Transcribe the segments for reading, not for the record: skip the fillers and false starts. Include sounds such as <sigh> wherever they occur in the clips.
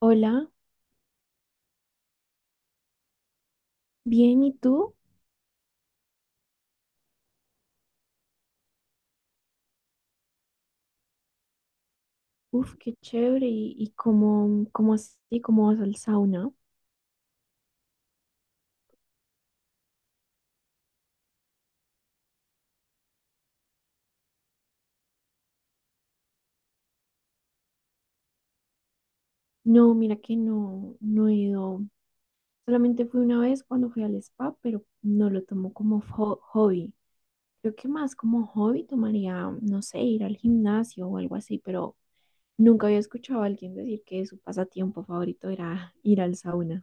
Hola, bien, ¿y tú? Uf, qué chévere. ¿Y cómo, así, cómo vas al sauna? No, mira que no he ido. Solamente fui una vez cuando fui al spa, pero no lo tomo como hobby. Creo que más como hobby tomaría, no sé, ir al gimnasio o algo así, pero nunca había escuchado a alguien decir que su pasatiempo favorito era <laughs> ir al sauna.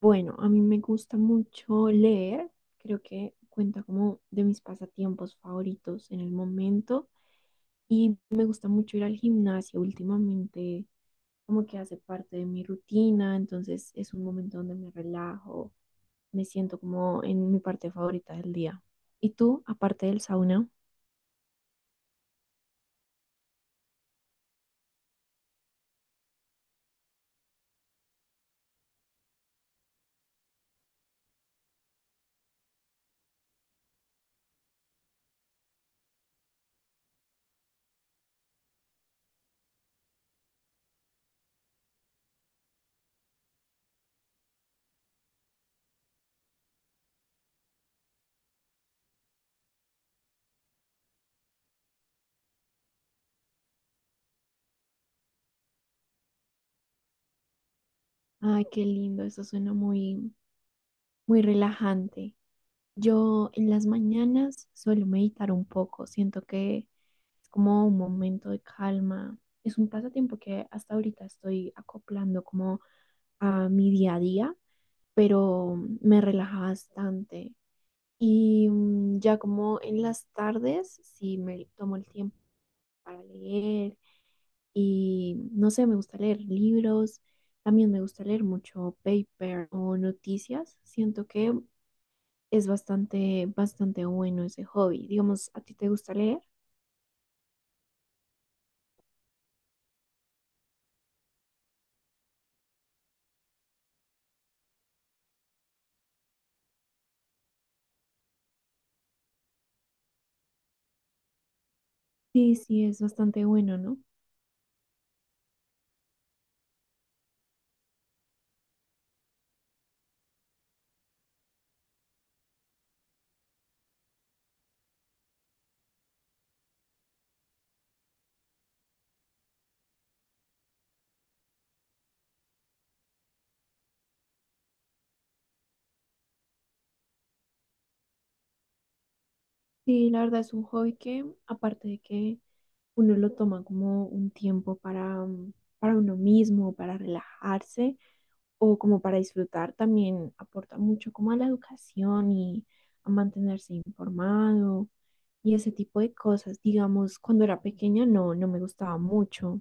Bueno, a mí me gusta mucho leer, creo que cuenta como de mis pasatiempos favoritos en el momento y me gusta mucho ir al gimnasio últimamente, como que hace parte de mi rutina, entonces es un momento donde me relajo, me siento como en mi parte favorita del día. ¿Y tú, aparte del sauna? Ay, qué lindo, eso suena muy, muy relajante. Yo en las mañanas suelo meditar un poco, siento que es como un momento de calma. Es un pasatiempo que hasta ahorita estoy acoplando como a mi día a día, pero me relaja bastante. Y ya como en las tardes, sí me tomo el tiempo para leer y no sé, me gusta leer libros, también me gusta leer mucho paper o noticias. Siento que es bastante, bastante bueno ese hobby. Digamos, ¿a ti te gusta leer? Sí, sí, es bastante bueno, ¿no? Sí, la verdad es un hobby que, aparte de que uno lo toma como un tiempo para, para uno mismo, para relajarse o como para disfrutar, también aporta mucho como a la educación y a mantenerse informado y ese tipo de cosas. Digamos, cuando era pequeña no me gustaba mucho.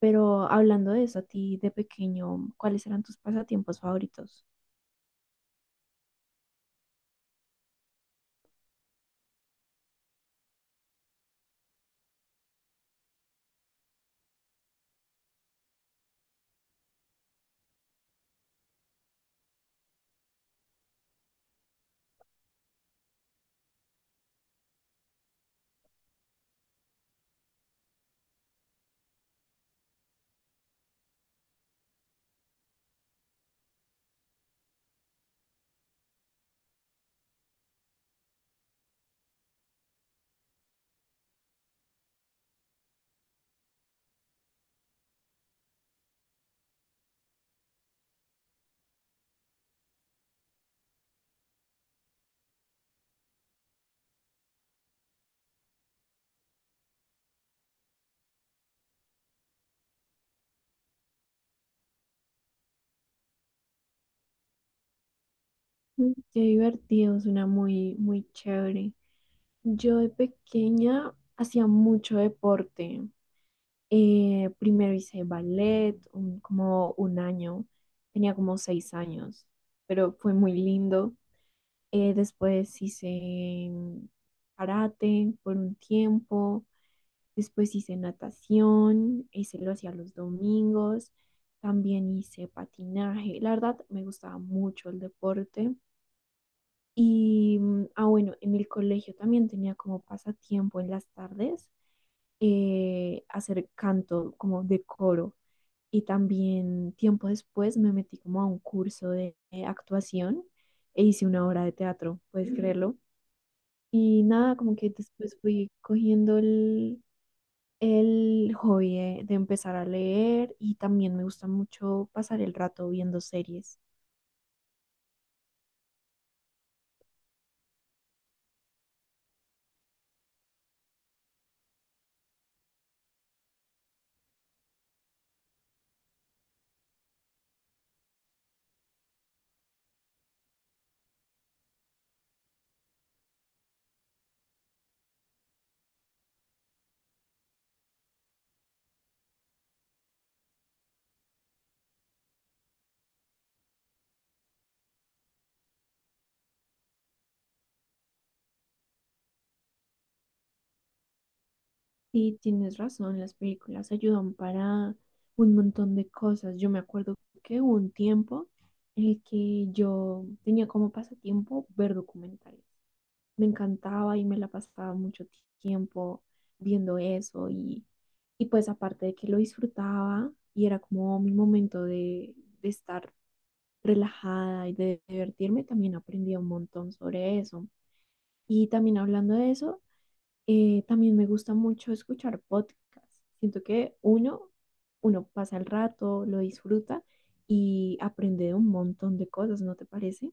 Pero hablando de eso, a ti de pequeño, ¿cuáles eran tus pasatiempos favoritos? Mm, qué divertido, suena muy, muy chévere. Yo de pequeña hacía mucho deporte. Primero hice ballet, como un año, tenía como 6 años, pero fue muy lindo. Después hice karate por un tiempo. Después hice natación, ese lo hacía los domingos. También hice patinaje. La verdad, me gustaba mucho el deporte. Y ah, bueno, en el colegio también tenía como pasatiempo en las tardes, hacer canto como de coro. Y también tiempo después me metí como a un curso de actuación e hice una obra de teatro, puedes Ujú. Creerlo. Y nada, como que después fui cogiendo el hobby de empezar a leer y también me gusta mucho pasar el rato viendo series. Sí, tienes razón, las películas ayudan para un montón de cosas. Yo me acuerdo que hubo un tiempo en el que yo tenía como pasatiempo ver documentales. Me encantaba y me la pasaba mucho tiempo viendo eso y pues aparte de que lo disfrutaba y era como mi momento de estar relajada y de divertirme, también aprendí un montón sobre eso. Y también hablando de eso, también me gusta mucho escuchar podcasts. Siento que uno pasa el rato, lo disfruta y aprende de un montón de cosas, ¿no te parece?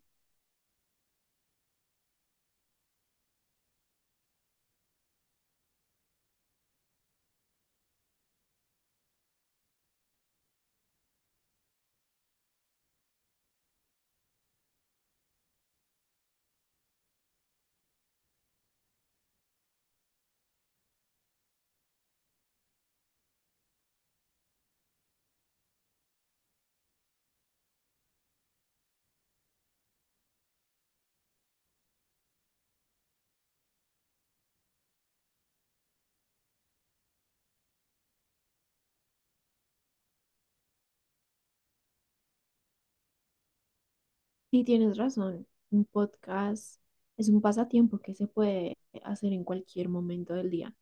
Sí, tienes razón. Un podcast es un pasatiempo que se puede hacer en cualquier momento del día.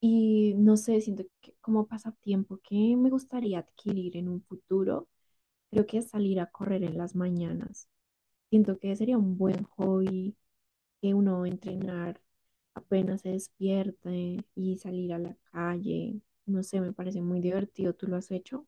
Y no sé, siento que como pasatiempo que me gustaría adquirir en un futuro, creo que salir a correr en las mañanas. Siento que sería un buen hobby que uno va a entrenar apenas se despierte y salir a la calle. No sé, me parece muy divertido. ¿Tú lo has hecho?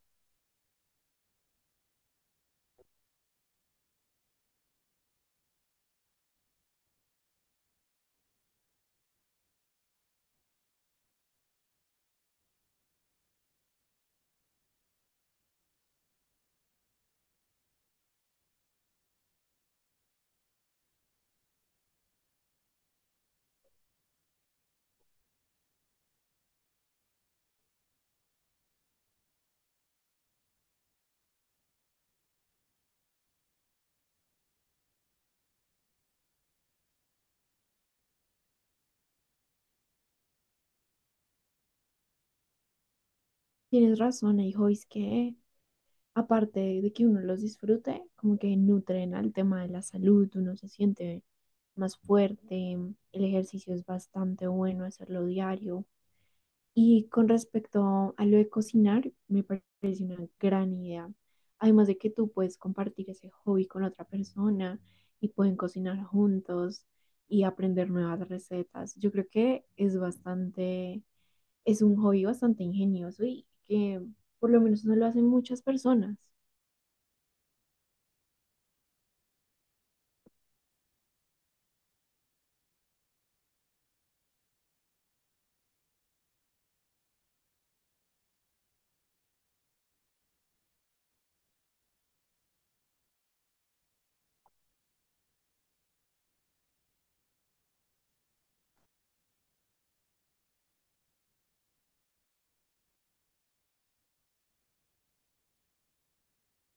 Tienes razón, hay hobbies que aparte de que uno los disfrute, como que nutren al tema de la salud, uno se siente más fuerte, el ejercicio es bastante bueno hacerlo diario. Y con respecto a lo de cocinar, me parece una gran idea. Además de que tú puedes compartir ese hobby con otra persona y pueden cocinar juntos y aprender nuevas recetas. Yo creo que es un hobby bastante ingenioso y que por lo menos no lo hacen muchas personas.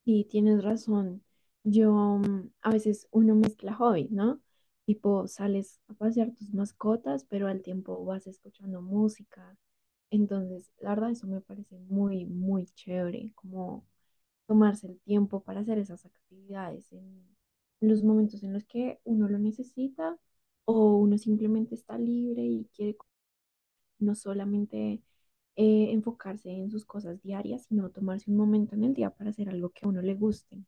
Sí, tienes razón. Yo a veces uno mezcla hobbies, ¿no? Tipo, sales a pasear tus mascotas, pero al tiempo vas escuchando música. Entonces, la verdad, eso me parece muy, muy chévere, como tomarse el tiempo para hacer esas actividades en los momentos en los que uno lo necesita o uno simplemente está libre y quiere no solamente, enfocarse en sus cosas diarias, sino tomarse un momento en el día para hacer algo que a uno le guste.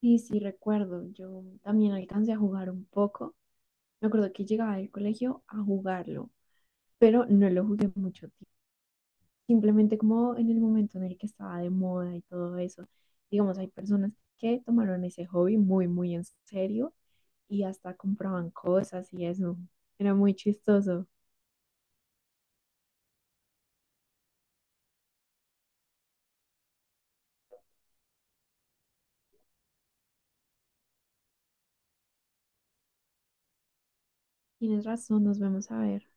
Sí, sí, recuerdo. Yo también alcancé a jugar un poco. Me acuerdo que llegaba del colegio a jugarlo, pero no lo jugué mucho tiempo. Simplemente como en el momento en el que estaba de moda y todo eso. Digamos, hay personas que tomaron ese hobby muy, muy en serio y hasta compraban cosas y eso. Era muy chistoso. Tienes razón, nos vemos a ver.